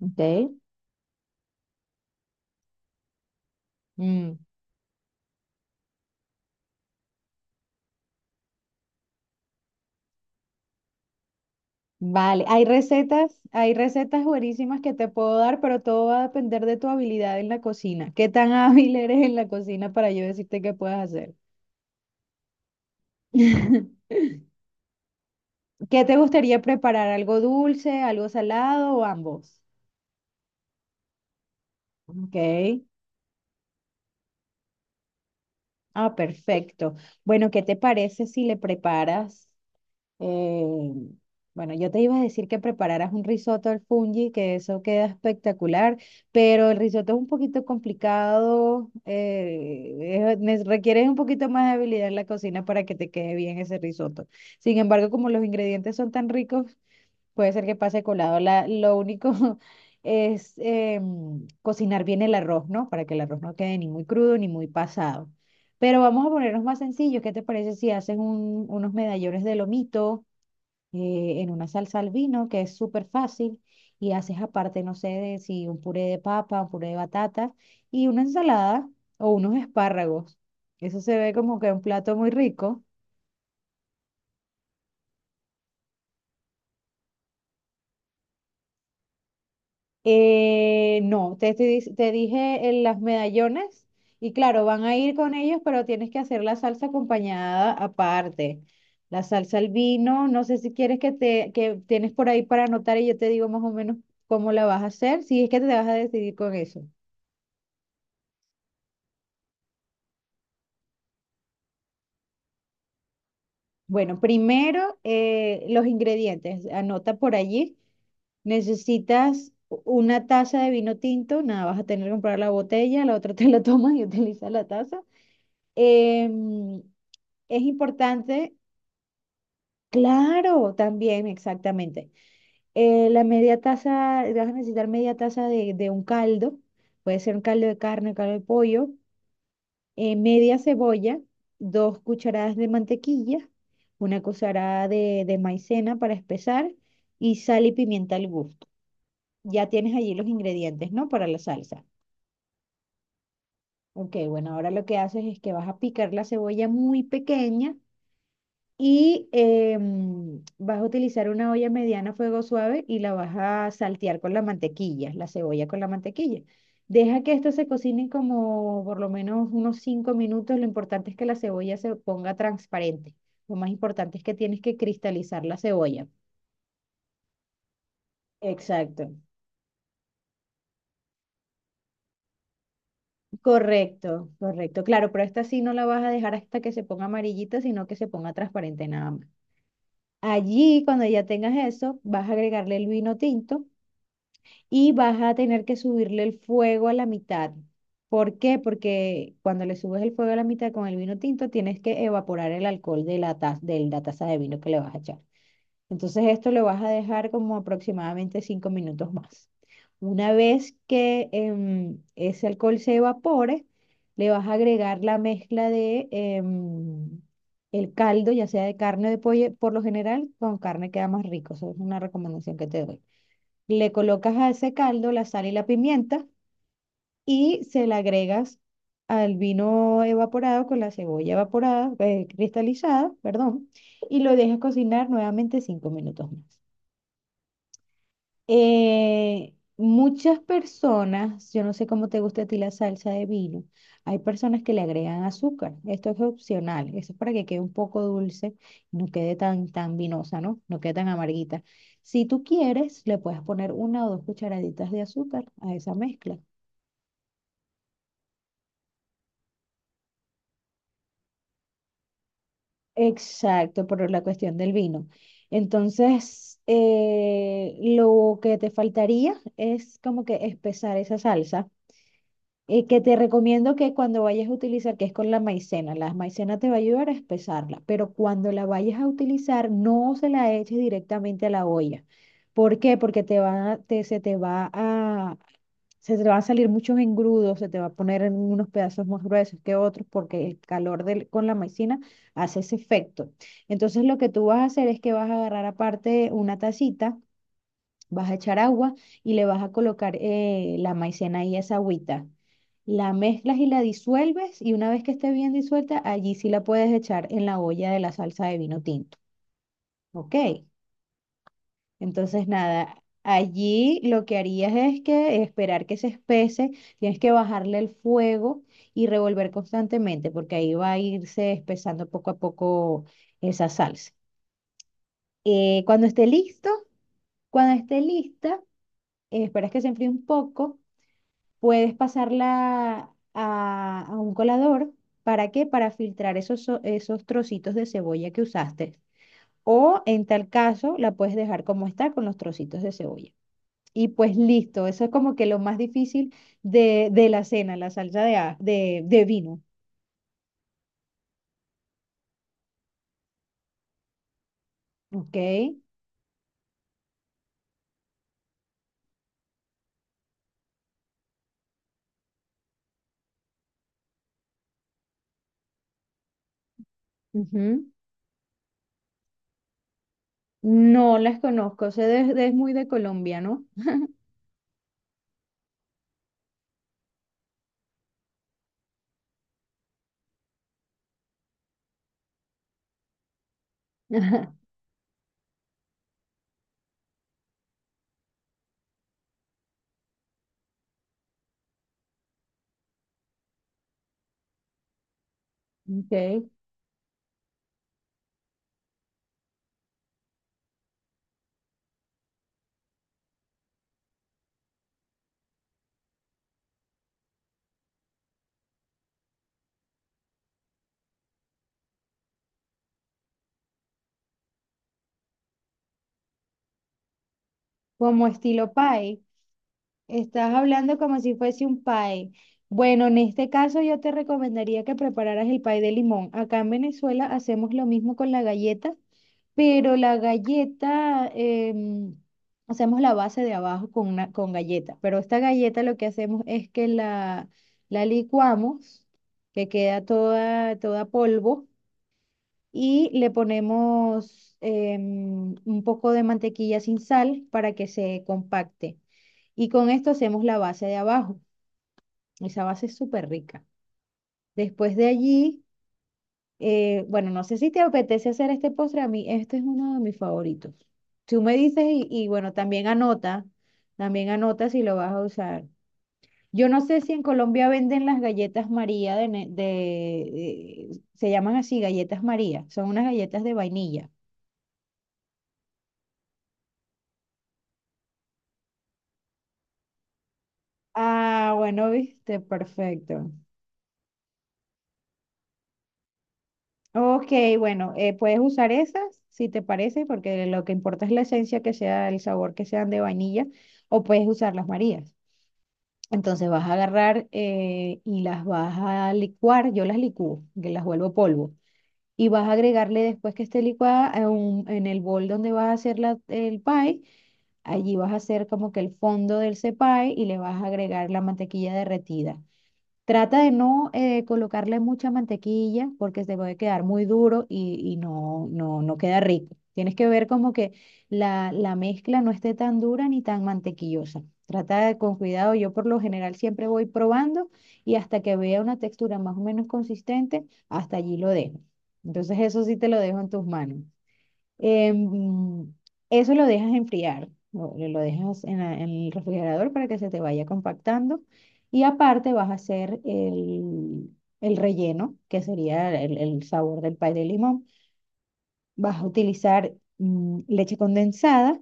Ok. Mm, vale, hay recetas buenísimas que te puedo dar, pero todo va a depender de tu habilidad en la cocina. ¿Qué tan hábil eres en la cocina para yo decirte qué puedes hacer? ¿Qué te gustaría preparar? ¿Algo dulce, algo salado o ambos? Ok. Ah, perfecto. Bueno, ¿qué te parece si le preparas? Eh, bueno, yo te iba a decir que prepararas un risotto al fungi, que eso queda espectacular, pero el risotto es un poquito complicado, requiere un poquito más de habilidad en la cocina para que te quede bien ese risotto. Sin embargo, como los ingredientes son tan ricos, puede ser que pase colado. Lo único es cocinar bien el arroz, ¿no? Para que el arroz no quede ni muy crudo ni muy pasado. Pero vamos a ponernos más sencillos. ¿Qué te parece si haces unos medallones de lomito? En una salsa al vino que es súper fácil y haces aparte, no sé, de si un puré de papa, un puré de batata y una ensalada o unos espárragos. Eso se ve como que un plato muy rico. No, te dije las medallones y claro, van a ir con ellos, pero tienes que hacer la salsa acompañada aparte. La salsa al vino, no sé si quieres que te que tienes por ahí para anotar y yo te digo más o menos cómo la vas a hacer, si es que te vas a decidir con eso. Bueno, primero los ingredientes. Anota por allí. Necesitas una taza de vino tinto. Nada, vas a tener que comprar la botella, la otra te la tomas y utilizas la taza. Em, es importante, claro, también, exactamente. La media taza, vas a necesitar media taza de un caldo. Puede ser un caldo de carne, caldo de pollo. Media cebolla, dos cucharadas de mantequilla, una cucharada de maicena para espesar y sal y pimienta al gusto. Ya tienes allí los ingredientes, ¿no? Para la salsa. Ok, bueno, ahora lo que haces es que vas a picar la cebolla muy pequeña. Y vas a utilizar una olla mediana a fuego suave y la vas a saltear con la mantequilla, la cebolla con la mantequilla. Deja que esto se cocine como por lo menos unos 5 minutos. Lo importante es que la cebolla se ponga transparente. Lo más importante es que tienes que cristalizar la cebolla. Exacto. Correcto, correcto. Claro, pero esta sí no la vas a dejar hasta que se ponga amarillita, sino que se ponga transparente nada más. Allí, cuando ya tengas eso, vas a agregarle el vino tinto y vas a tener que subirle el fuego a la mitad. ¿Por qué? Porque cuando le subes el fuego a la mitad con el vino tinto, tienes que evaporar el alcohol de la taza, de la taza de vino que le vas a echar. Entonces esto lo vas a dejar como aproximadamente 5 minutos más. Una vez que ese alcohol se evapore, le vas a agregar la mezcla de el caldo, ya sea de carne o de pollo, por lo general con carne queda más rico. Eso es una recomendación que te doy. Le colocas a ese caldo la sal y la pimienta y se la agregas al vino evaporado con la cebolla evaporada, cristalizada, perdón, y lo dejas cocinar nuevamente 5 minutos más. Muchas personas, yo no sé cómo te gusta a ti la salsa de vino, hay personas que le agregan azúcar. Esto es opcional. Eso es para que quede un poco dulce y no quede tan, tan vinosa, ¿no? No quede tan amarguita. Si tú quieres, le puedes poner una o dos cucharaditas de azúcar a esa mezcla. Exacto, por la cuestión del vino. Entonces, lo que te faltaría es como que espesar esa salsa. Que te recomiendo que cuando vayas a utilizar, que es con la maicena te va a ayudar a espesarla, pero cuando la vayas a utilizar, no se la eches directamente a la olla. ¿Por qué? Porque te va, a- te, se te va a, se te van a salir muchos engrudos, se te va a poner en unos pedazos más gruesos que otros, porque el calor del, con la maicena hace ese efecto. Entonces, lo que tú vas a hacer es que vas a agarrar aparte una tacita. Vas a echar agua y le vas a colocar la maicena y esa agüita. La mezclas y la disuelves y una vez que esté bien disuelta, allí sí la puedes echar en la olla de la salsa de vino tinto. Ok, entonces nada, allí lo que harías es que esperar que se espese, tienes que bajarle el fuego y revolver constantemente porque ahí va a irse espesando poco a poco esa salsa. Eh, cuando esté listo, cuando esté lista, esperas que se enfríe un poco. Puedes pasarla a un colador. ¿Para qué? Para filtrar esos trocitos de cebolla que usaste. O en tal caso, la puedes dejar como está con los trocitos de cebolla. Y pues listo, eso es como que lo más difícil de la cena, la salsa de vino. ¿Ok? Ujú. No las conozco, sé es muy de Colombia, ¿no? Ajá, Ok. Como estilo pie. Estás hablando como si fuese un pay. Bueno, en este caso yo te recomendaría que prepararas el pay de limón. Acá en Venezuela hacemos lo mismo con la galleta, pero la galleta em, hacemos la base de abajo con una con galleta. Pero esta galleta lo que hacemos es que la licuamos, que queda toda, toda polvo y le ponemos un poco de mantequilla sin sal para que se compacte. Y con esto hacemos la base de abajo. Esa base es súper rica. Después de allí, bueno, no sé si te apetece hacer este postre. A mí, este es uno de mis favoritos. Tú me dices y bueno, también anota si lo vas a usar. Yo no sé si en Colombia venden las galletas María de, ne- de- se llaman así, galletas María, son unas galletas de vainilla. Ah, bueno, viste, perfecto. Ok, bueno, puedes usar esas si te parece, porque lo que importa es la esencia que sea, el sabor que sean de vainilla, o puedes usar las marías. Entonces vas a agarrar y las vas a licuar, yo las licúo, que las vuelvo polvo, y vas a agregarle después que esté licuada en el bol donde vas a hacer el pie, allí vas a hacer como que el fondo del cepay y le vas a agregar la mantequilla derretida. Trata de no colocarle mucha mantequilla porque se puede quedar muy duro y no, no, no queda rico. Tienes que ver como que la mezcla no esté tan dura ni tan mantequillosa. Trata de con cuidado. Yo por lo general siempre voy probando y hasta que vea una textura más o menos consistente, hasta allí lo dejo. Entonces eso sí te lo dejo en tus manos. Em, Eso lo dejas enfriar, lo dejas en el refrigerador para que se te vaya compactando. Y aparte vas a hacer el relleno, que sería el sabor del pay de limón. Vas a utilizar leche condensada,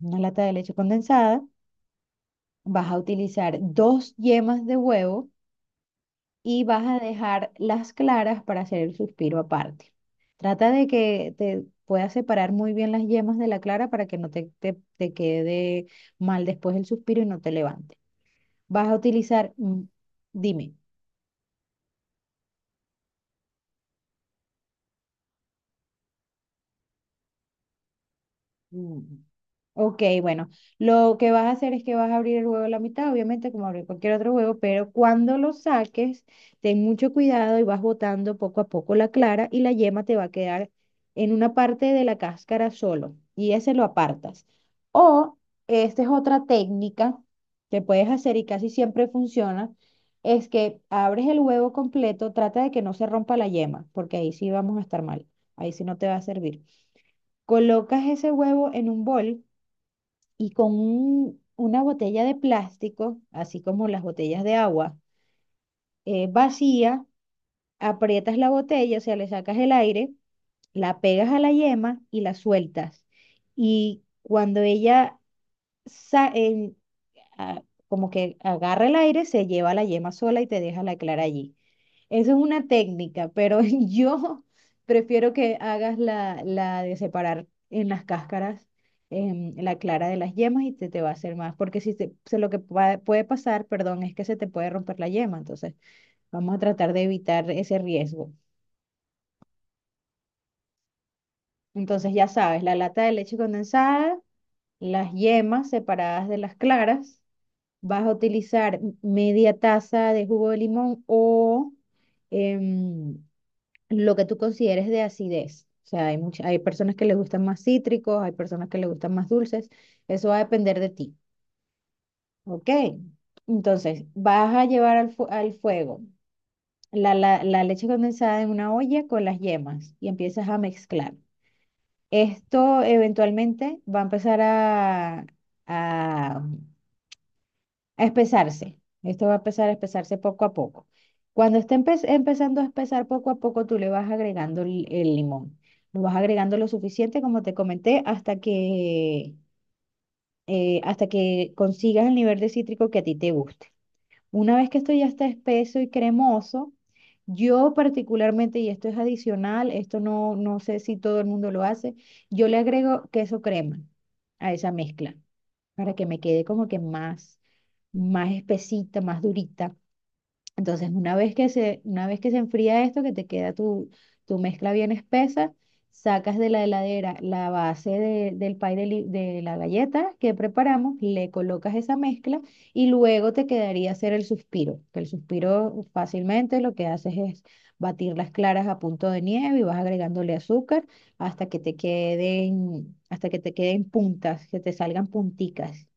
una lata de leche condensada. Vas a utilizar dos yemas de huevo y vas a dejar las claras para hacer el suspiro aparte. Trata de que te puedas separar muy bien las yemas de la clara para que no te quede mal después el suspiro y no te levante. Vas a utilizar, dime, Mm. Ok, bueno, lo que vas a hacer es que vas a abrir el huevo a la mitad, obviamente como abrir cualquier otro huevo, pero cuando lo saques, ten mucho cuidado y vas botando poco a poco la clara y la yema te va a quedar en una parte de la cáscara solo y ese lo apartas. O esta es otra técnica que puedes hacer y casi siempre funciona, es que abres el huevo completo, trata de que no se rompa la yema, porque ahí sí vamos a estar mal, ahí sí no te va a servir. Colocas ese huevo en un bol y con una botella de plástico, así como las botellas de agua, vacía, aprietas la botella, o sea, le sacas el aire, la pegas a la yema y la sueltas. Y cuando ella sa- en- como que agarra el aire, se lleva la yema sola y te deja la clara allí. Eso es una técnica, pero yo prefiero que hagas la de separar en las cáscaras la clara de las yemas y te va a hacer más, porque si te- se, lo que puede pasar, perdón, es que se te puede romper la yema, entonces vamos a tratar de evitar ese riesgo. Entonces ya sabes, la lata de leche condensada, las yemas separadas de las claras, vas a utilizar media taza de jugo de limón o... em, lo que tú consideres de acidez. O sea, hay personas que les gustan más cítricos, hay personas que les gustan más dulces. Eso va a depender de ti. ¿Ok? Entonces, vas a llevar al fuego la leche condensada en una olla con las yemas y empiezas a mezclar. Esto eventualmente va a empezar a a espesarse. Esto va a empezar a espesarse poco a poco. Cuando esté empezando a espesar poco a poco, tú le vas agregando el limón. Lo vas agregando lo suficiente, como te comenté, hasta que consigas el nivel de cítrico que a ti te guste. Una vez que esto ya está espeso y cremoso, yo particularmente, y esto es adicional, esto no, no sé si todo el mundo lo hace, yo le agrego queso crema a esa mezcla para que me quede como que más, más espesita, más durita. Entonces, una vez que se enfría esto, que te queda tu mezcla bien espesa, sacas de la heladera la base del pie de la galleta que preparamos, le colocas esa mezcla y luego te quedaría hacer el suspiro, que el suspiro fácilmente lo que haces es batir las claras a punto de nieve y vas agregándole azúcar hasta que te queden puntas, que te salgan punticas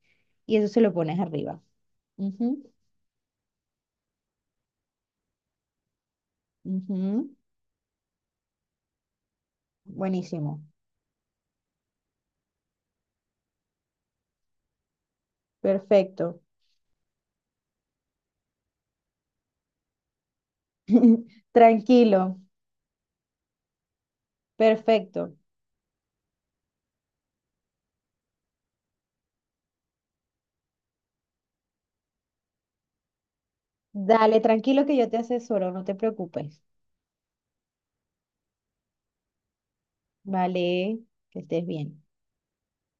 y eso se lo pones arriba. Ujú, ujú. Buenísimo. Perfecto. Tranquilo. Perfecto. Dale, tranquilo que yo te asesoro, no te preocupes. Vale, que estés bien.